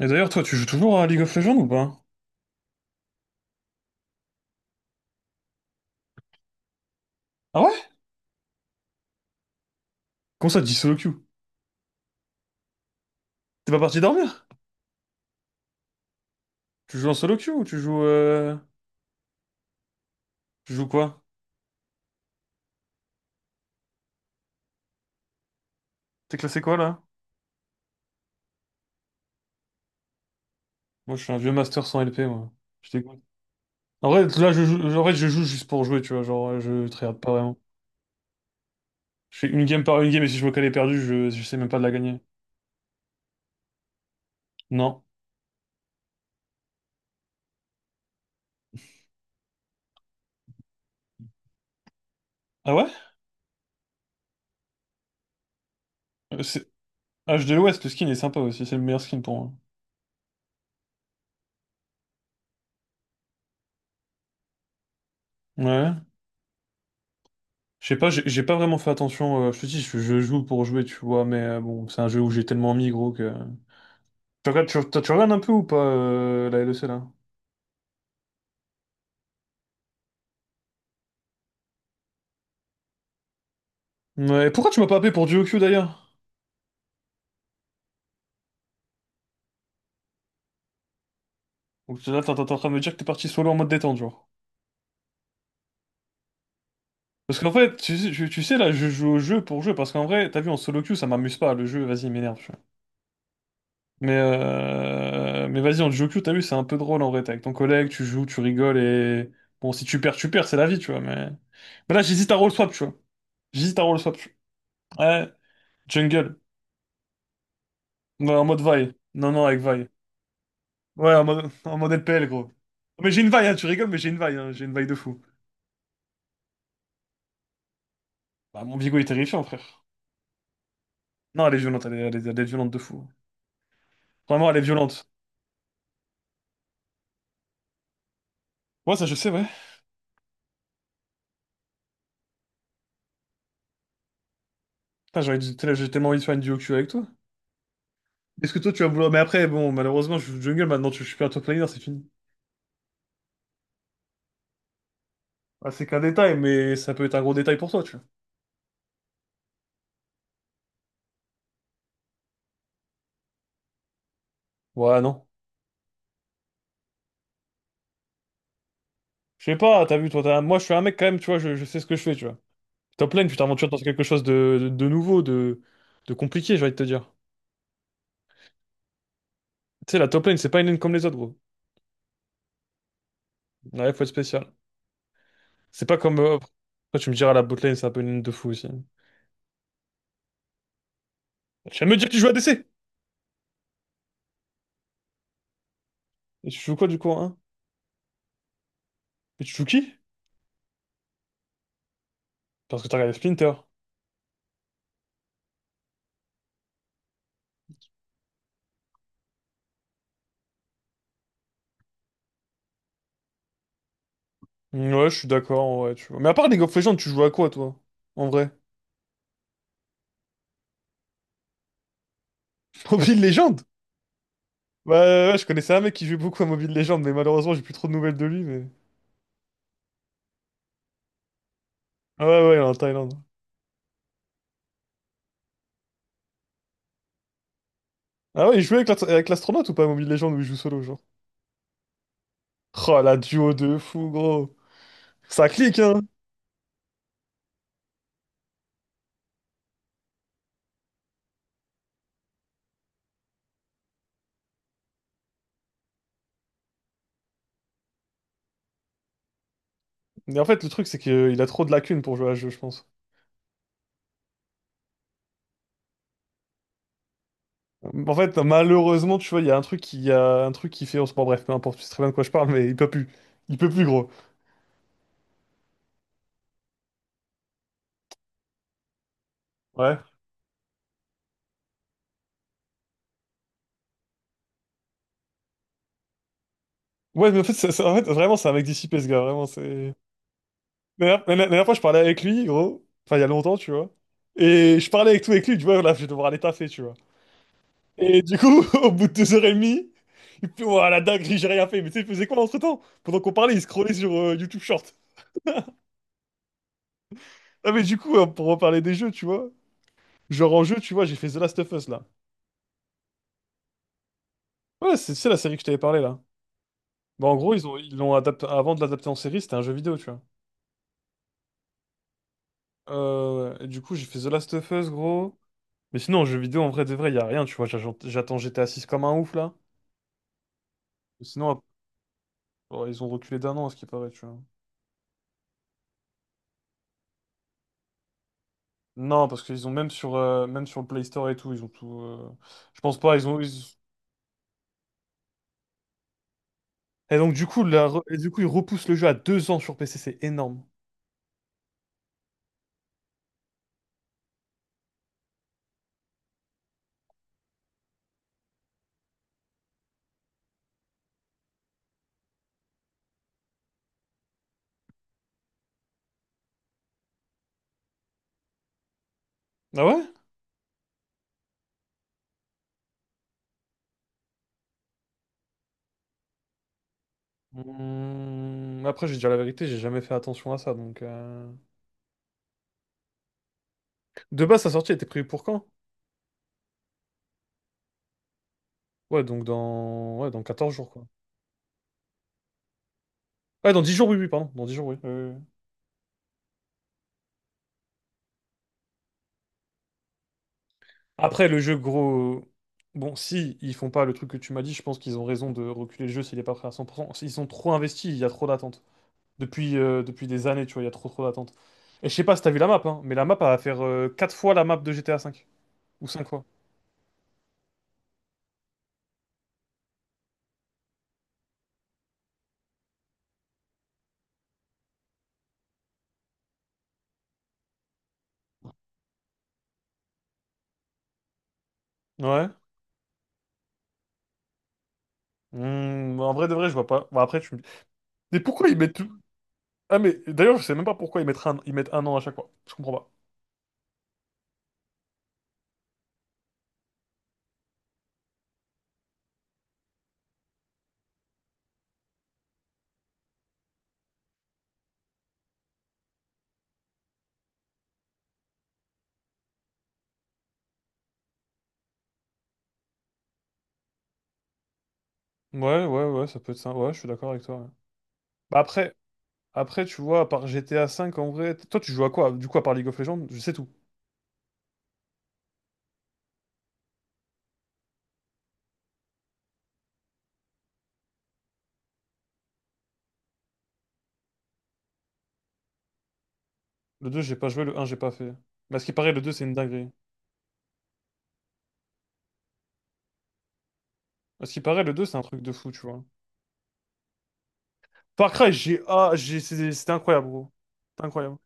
Et d'ailleurs, toi, tu joues toujours à League of Legends ou pas? Ah ouais? Comment ça, tu dis solo queue? T'es pas parti dormir? Tu joues en solo queue ou tu joues quoi? T'es classé quoi là? Moi, je suis un vieux master sans LP, moi. Je dégoûte. En vrai, là, en vrai, je joue juste pour jouer, tu vois. Genre, je tryhard pas vraiment. Je fais une game par une game et si je vois qu'elle est perdue, je sais même pas de la gagner. Non. Ah ouais? Euh, C'est... H de l'Ouest, le skin est sympa aussi. C'est le meilleur skin pour moi. Ouais. Je sais pas, j'ai pas vraiment fait attention. Je te dis, je joue pour jouer, tu vois. Mais bon, c'est un jeu où j'ai tellement mis, gros, que. Toi, tu regardes un peu ou pas la LEC là? Ouais, pourquoi tu m'as pas appelé pour du OQ d'ailleurs? Donc là, t'es en train de me dire que t'es parti solo en mode détente, genre. Parce qu'en fait, tu sais, là, je joue au jeu pour jouer, parce qu'en vrai, t'as vu, en solo queue, ça m'amuse pas, le jeu, vas-y, il m'énerve, tu vois. Mais vas-y, en duo queue, t'as vu, c'est un peu drôle en vrai, t'es avec ton collègue, tu joues, tu rigoles, et... Bon, si tu perds, tu perds, c'est la vie, tu vois, mais... Mais là, j'hésite à roll swap, tu vois. J'hésite à roll swap. Tu Ouais, jungle. Ouais, en mode Vi. Non, non, avec Vi. Ouais, en mode LPL, gros. Mais j'ai une vaille, hein, tu rigoles, mais j'ai une vaille, hein, j'ai une vaille de fou. Bah, mon bigot est terrifiant, frère. Non, elle est violente, elle est violente de fou. Vraiment, elle est violente. Ouais, ça, je sais, ouais. Putain, j'ai tellement envie de faire une duo queue avec toi. Est-ce que toi, tu vas vouloir... Mais après, bon, malheureusement, je jungle, maintenant, je suis plus un top laner, c'est fini. Ah, c'est qu'un détail, mais ça peut être un gros détail pour toi, tu vois. Ouais, non. Je sais pas, t'as vu, toi, moi, je suis un mec, quand même, tu vois, je sais ce que je fais, tu vois. Top lane, tu t'aventures dans quelque chose de nouveau, de compliqué, j'ai envie de te dire. Tu sais, la top lane, c'est pas une lane comme les autres, gros. Ouais, faut être spécial. C'est pas comme. Après, tu me diras, la botlane, c'est un peu une ligne de fou aussi. Tu viens de me dire que tu joues à ADC! Et tu joues quoi du coup, hein? Et tu joues qui? Parce que t'as regardé Splinter. Mm, ouais, je suis d'accord, ouais, tu vois. Mais à part League of Legends, tu joues à quoi, toi? En vrai? Mobile Legends? Ouais, ouais, ouais, je connaissais un mec qui jouait beaucoup à Mobile Legends, mais malheureusement, j'ai plus trop de nouvelles de lui, mais. Ah ouais, ouais, il est en Thaïlande. Ah ouais, il jouait avec avec l'astronaute ou pas à Mobile Legends où il joue solo, genre? Oh, la duo de fou, gros! Ça clique, hein! Mais en fait, le truc, c'est qu'il a trop de lacunes pour jouer à ce jeu, je pense. En fait, malheureusement, tu vois, il y a un truc qui fait en sport, bref, peu importe, tu sais très bien de quoi je parle, mais il peut plus. Il peut plus, gros. Ouais. Ouais, mais en fait, en fait vraiment, c'est un mec dissipé, ce gars, vraiment, c'est... La dernière fois, je parlais avec lui, gros, enfin, il y a longtemps, tu vois, et je parlais avec tout avec lui, tu vois, là, je vais devoir aller taffer, tu vois. Et du coup, au bout de 2 heures et demie, il fait, ouah, la dinguerie, j'ai rien fait, mais tu sais, il faisait quoi entre-temps? Pendant qu'on parlait, il scrollait sur YouTube Short. Ah, mais du coup, pour reparler des jeux, tu vois, genre en jeu, tu vois, j'ai fait The Last of Us, là. Ouais, c'est la série que je t'avais parlé, là. Bah, en gros, ils l'ont adapté, avant de l'adapter en série, c'était un jeu vidéo, tu vois. Ouais. Et du coup, j'ai fait The Last of Us, gros. Mais sinon, en jeu vidéo, en vrai de vrai, y a rien, tu vois. J'attends GTA 6 comme un ouf, là. Et sinon, ils ont reculé d'un an, à ce qui paraît, tu vois. Non, parce qu'ils ont même sur le Play Store et tout, ils ont tout. Je pense pas. Et donc, du coup, ils repoussent le jeu à 2 ans sur PC, c'est énorme. Ah ouais? Mmh, Après, j'ai dit la vérité, j'ai jamais fait attention à ça, donc. De base, sa sortie était prévue pour quand? Ouais, Ouais, dans 14 jours, quoi. Ouais, dans 10 jours, oui, oui, pardon. Dans 10 jours, oui, oui, oui, oui. Après, le jeu, gros... Bon, si ils font pas le truc que tu m'as dit, je pense qu'ils ont raison de reculer le jeu s'il est pas prêt à 100 %. Ils sont trop investis, il y a trop d'attentes. Depuis des années, tu vois, il y a trop trop d'attentes. Et je sais pas si t'as vu la map, hein, mais la map, elle va faire 4 fois la map de GTA 5. Ou 5 fois. Ouais. En vrai de vrai, je vois pas. Bon, après, tu me dis... Mais pourquoi ils mettent tout... Ah, mais d'ailleurs, je sais même pas pourquoi ils mettent un an à chaque fois. Je comprends pas. Ouais, ouais, ouais, ça peut être ça. Ouais, je suis d'accord avec toi, ouais. Bah après, tu vois, à part GTA V, en vrai, toi, tu joues à quoi? Du coup, à part League of Legends, je sais tout. Le 2 j'ai pas joué, le un j'ai pas fait. Mais à ce qui paraît, le deux c'est une dinguerie. À ce qui paraît, le 2 c'est un truc de fou, tu vois. Far Cry, j'ai... Ah, j'ai... c'est- C'était incroyable, gros. C'était incroyable.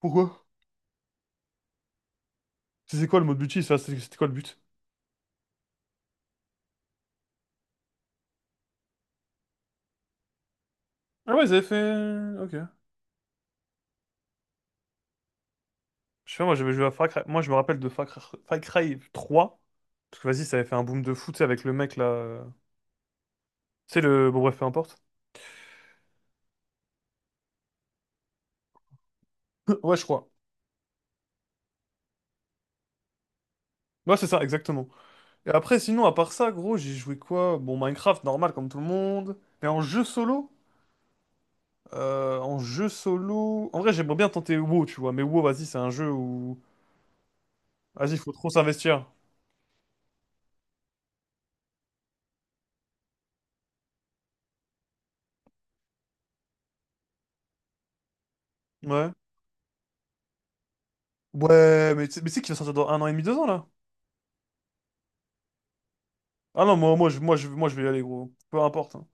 Pourquoi? C'était quoi le mode multi? Ça, c'était quoi le but? Ah ouais, ils avaient fait... Ok. Je sais pas, moi, j'avais joué à Far Cry... Moi, je me rappelle de Far Cry 3. Parce que, vas-y, ça avait fait un boom de fou, tu sais, avec le mec, là... Tu sais, bon, bref, peu importe. Ouais, je crois. Ouais, c'est ça, exactement. Et après, sinon, à part ça, gros, j'ai joué quoi? Bon, Minecraft, normal, comme tout le monde. Mais en jeu solo? En vrai, j'aimerais bien tenter WoW, tu vois. Mais WoW, vas-y, c'est un jeu où... Vas-y, faut trop s'investir. Ouais. Ouais, mais tu sais qu'il va sortir dans un an et demi, 2 ans, là? Ah non, moi, je vais y aller, gros. Peu importe, hein.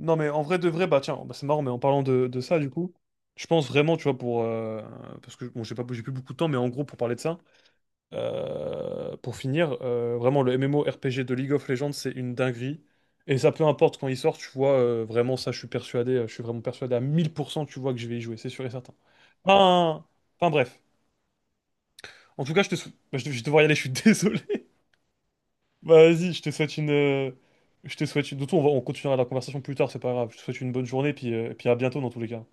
Non, mais en vrai, de vrai, bah tiens, bah, c'est marrant, mais en parlant de ça, du coup, je pense vraiment, tu vois, parce que, bon, j'ai pas, j'ai plus beaucoup de temps, mais en gros, pour parler de ça... Pour finir, vraiment le MMORPG de League of Legends, c'est une dinguerie. Et ça, peu importe quand il sort, tu vois, vraiment ça, je suis persuadé, je suis vraiment persuadé à 1000%, tu vois, que je vais y jouer, c'est sûr et certain. Enfin, enfin, bref. En tout cas, bah, je vais devoir y aller, je suis désolé. Bah, vas-y, Je te souhaite une... De toute façon, on continuera la conversation plus tard, c'est pas grave. Je te souhaite une bonne journée, puis à bientôt dans tous les cas.